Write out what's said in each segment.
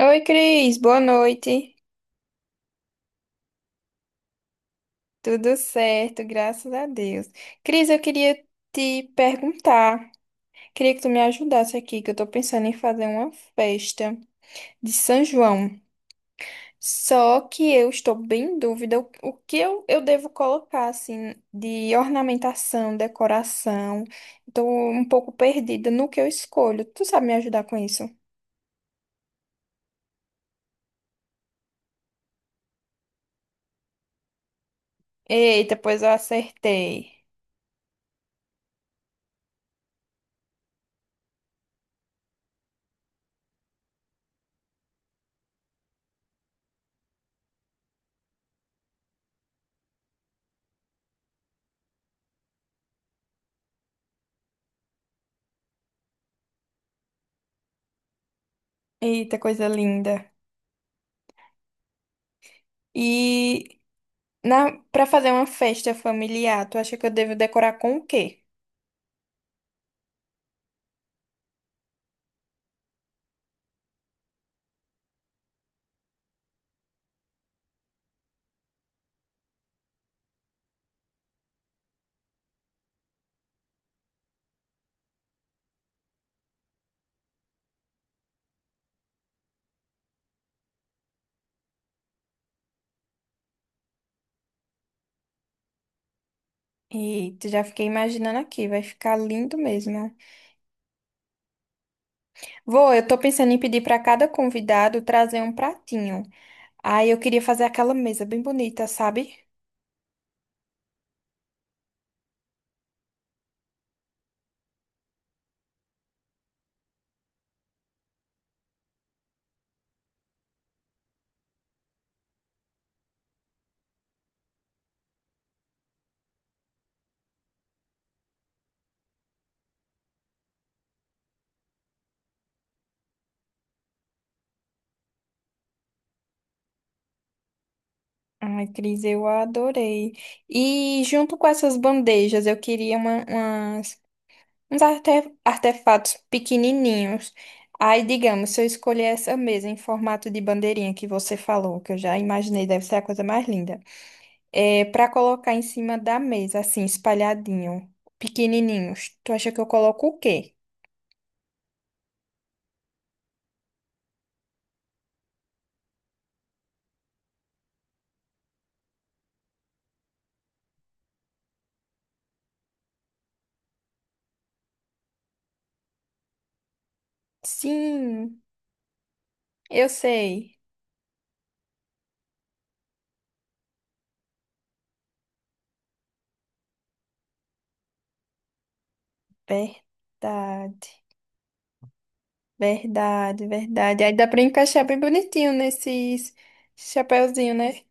Oi, Cris, boa noite. Tudo certo, graças a Deus. Cris, eu queria te perguntar, queria que tu me ajudasse aqui, que eu tô pensando em fazer uma festa de São João. Só que eu estou bem em dúvida o que eu devo colocar, assim, de ornamentação, decoração. Tô um pouco perdida no que eu escolho. Tu sabe me ajudar com isso? Eita, pois eu acertei. Eita, coisa linda. E Para fazer uma festa familiar, tu acha que eu devo decorar com o quê? Eita, já fiquei imaginando aqui, vai ficar lindo mesmo. Vou, eu tô pensando em pedir pra cada convidado trazer um pratinho. Aí eu queria fazer aquela mesa bem bonita, sabe? Ai, Cris, eu adorei. E junto com essas bandejas, eu queria uns artefatos pequenininhos. Aí, digamos, se eu escolher essa mesa em formato de bandeirinha que você falou, que eu já imaginei, deve ser a coisa mais linda. É, para colocar em cima da mesa, assim, espalhadinho, pequenininhos. Tu acha que eu coloco o quê? Sim, eu sei. Verdade, verdade, verdade. Aí dá pra encaixar bem bonitinho nesses chapéuzinho, né?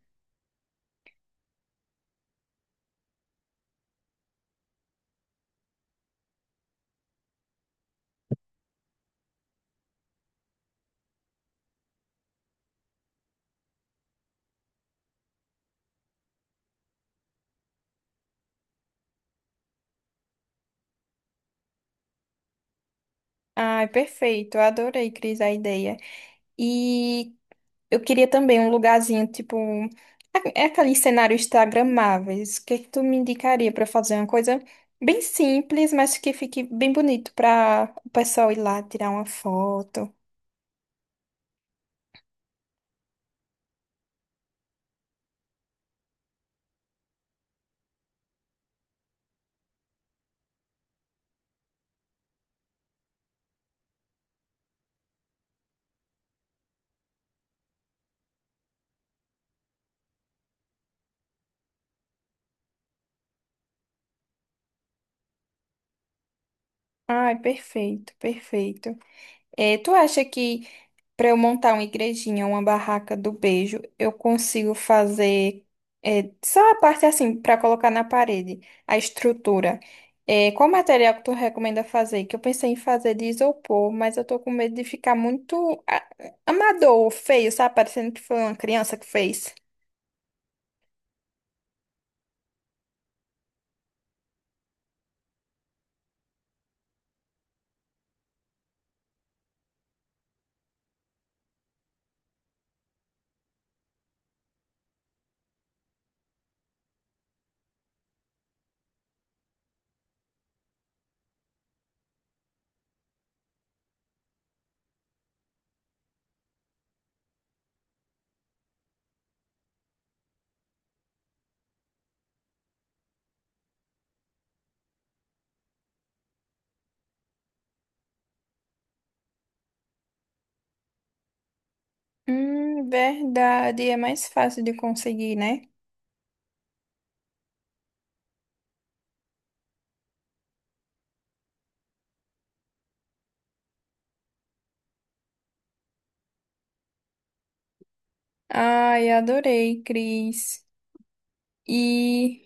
Ai, perfeito. Eu adorei, Cris, a ideia. E Eu queria também um lugarzinho, tipo, é aqueles cenários instagramáveis. O que é que tu me indicaria para fazer uma coisa bem simples, mas que fique bem bonito para o pessoal ir lá tirar uma foto? Ai, perfeito, perfeito. É, tu acha que para eu montar uma igrejinha, uma barraca do beijo, eu consigo fazer é, só a parte assim, para colocar na parede, a estrutura. É, qual material que tu recomenda fazer? Que eu pensei em fazer de isopor, mas eu tô com medo de ficar muito amador, feio, sabe? Parecendo que foi uma criança que fez. Verdade, é mais fácil de conseguir, né? Ai, adorei, Cris. E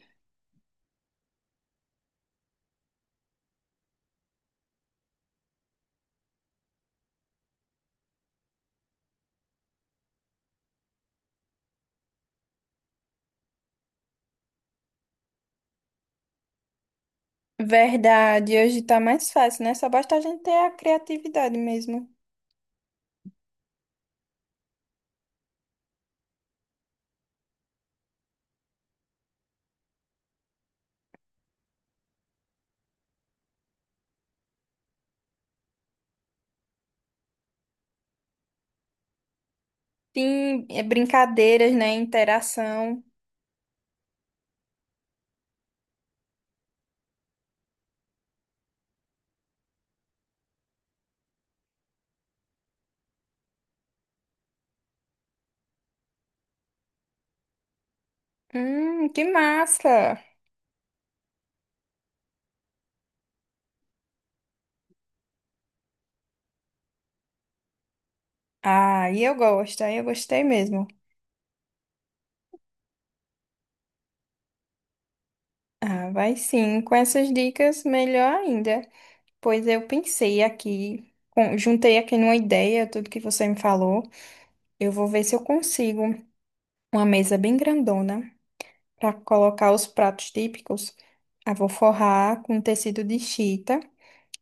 verdade, hoje tá mais fácil, né? Só basta a gente ter a criatividade mesmo. Sim, é brincadeiras, né? Interação. Que massa! Ah, e eu gosto, aí eu gostei mesmo. Ah, vai sim, com essas dicas, melhor ainda. Pois eu pensei aqui, juntei aqui numa ideia, tudo que você me falou. Eu vou ver se eu consigo uma mesa bem grandona para colocar os pratos típicos. Ah, vou forrar com tecido de chita.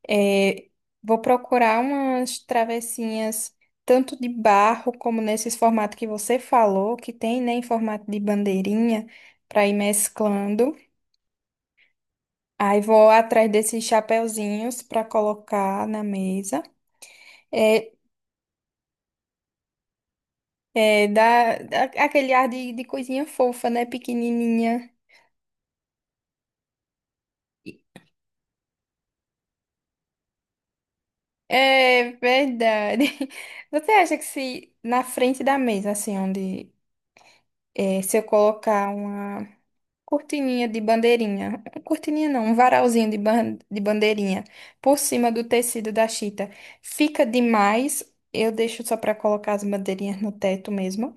É, vou procurar umas travessinhas tanto de barro como nesses formato que você falou, que tem, né, em formato de bandeirinha, para ir mesclando. Aí vou atrás desses chapeuzinhos para colocar na mesa. É, dá aquele ar de coisinha fofa, né, pequenininha. É verdade. Você acha que se na frente da mesa, assim, onde é, se eu colocar uma cortininha de bandeirinha, um cortininha não, um varalzinho de bandeirinha por cima do tecido da chita, fica demais? Eu deixo só pra colocar as bandeirinhas no teto mesmo.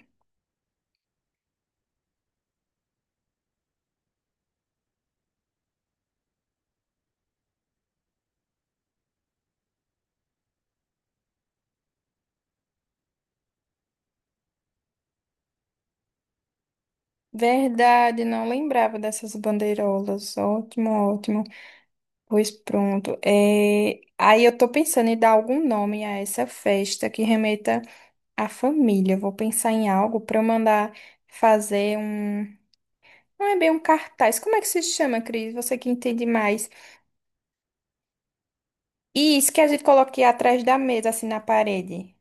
Verdade, não lembrava dessas bandeirolas. Ótimo, ótimo. Pois pronto. É, aí eu tô pensando em dar algum nome a essa festa que remeta à família. Eu vou pensar em algo para eu mandar fazer um. Não é bem um cartaz. Como é que se chama, Cris? Você que entende mais. Isso que a gente coloque atrás da mesa, assim na parede.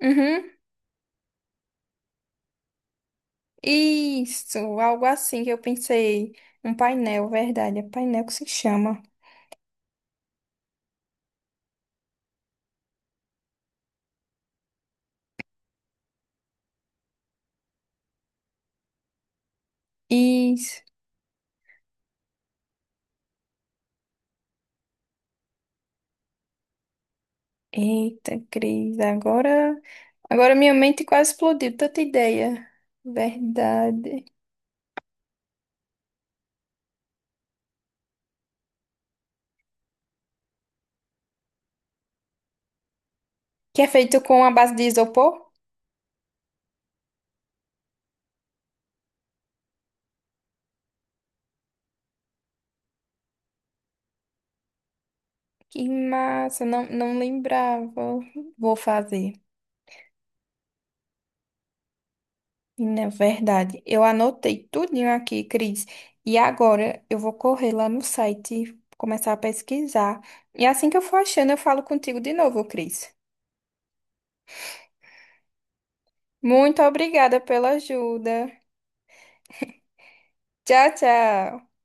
Uhum. Isso, algo assim que eu pensei. Um painel, verdade. É painel que se chama. Isso. Eita, Cris, agora, agora minha mente quase explodiu, tanta ideia. Verdade. Que é feito com a base de isopor? Que massa, não, não lembrava. Vou fazer. E na verdade, eu anotei tudinho aqui, Cris. E agora eu vou correr lá no site, começar a pesquisar. E assim que eu for achando, eu falo contigo de novo, Cris. Muito obrigada pela ajuda. Tchau, tchau.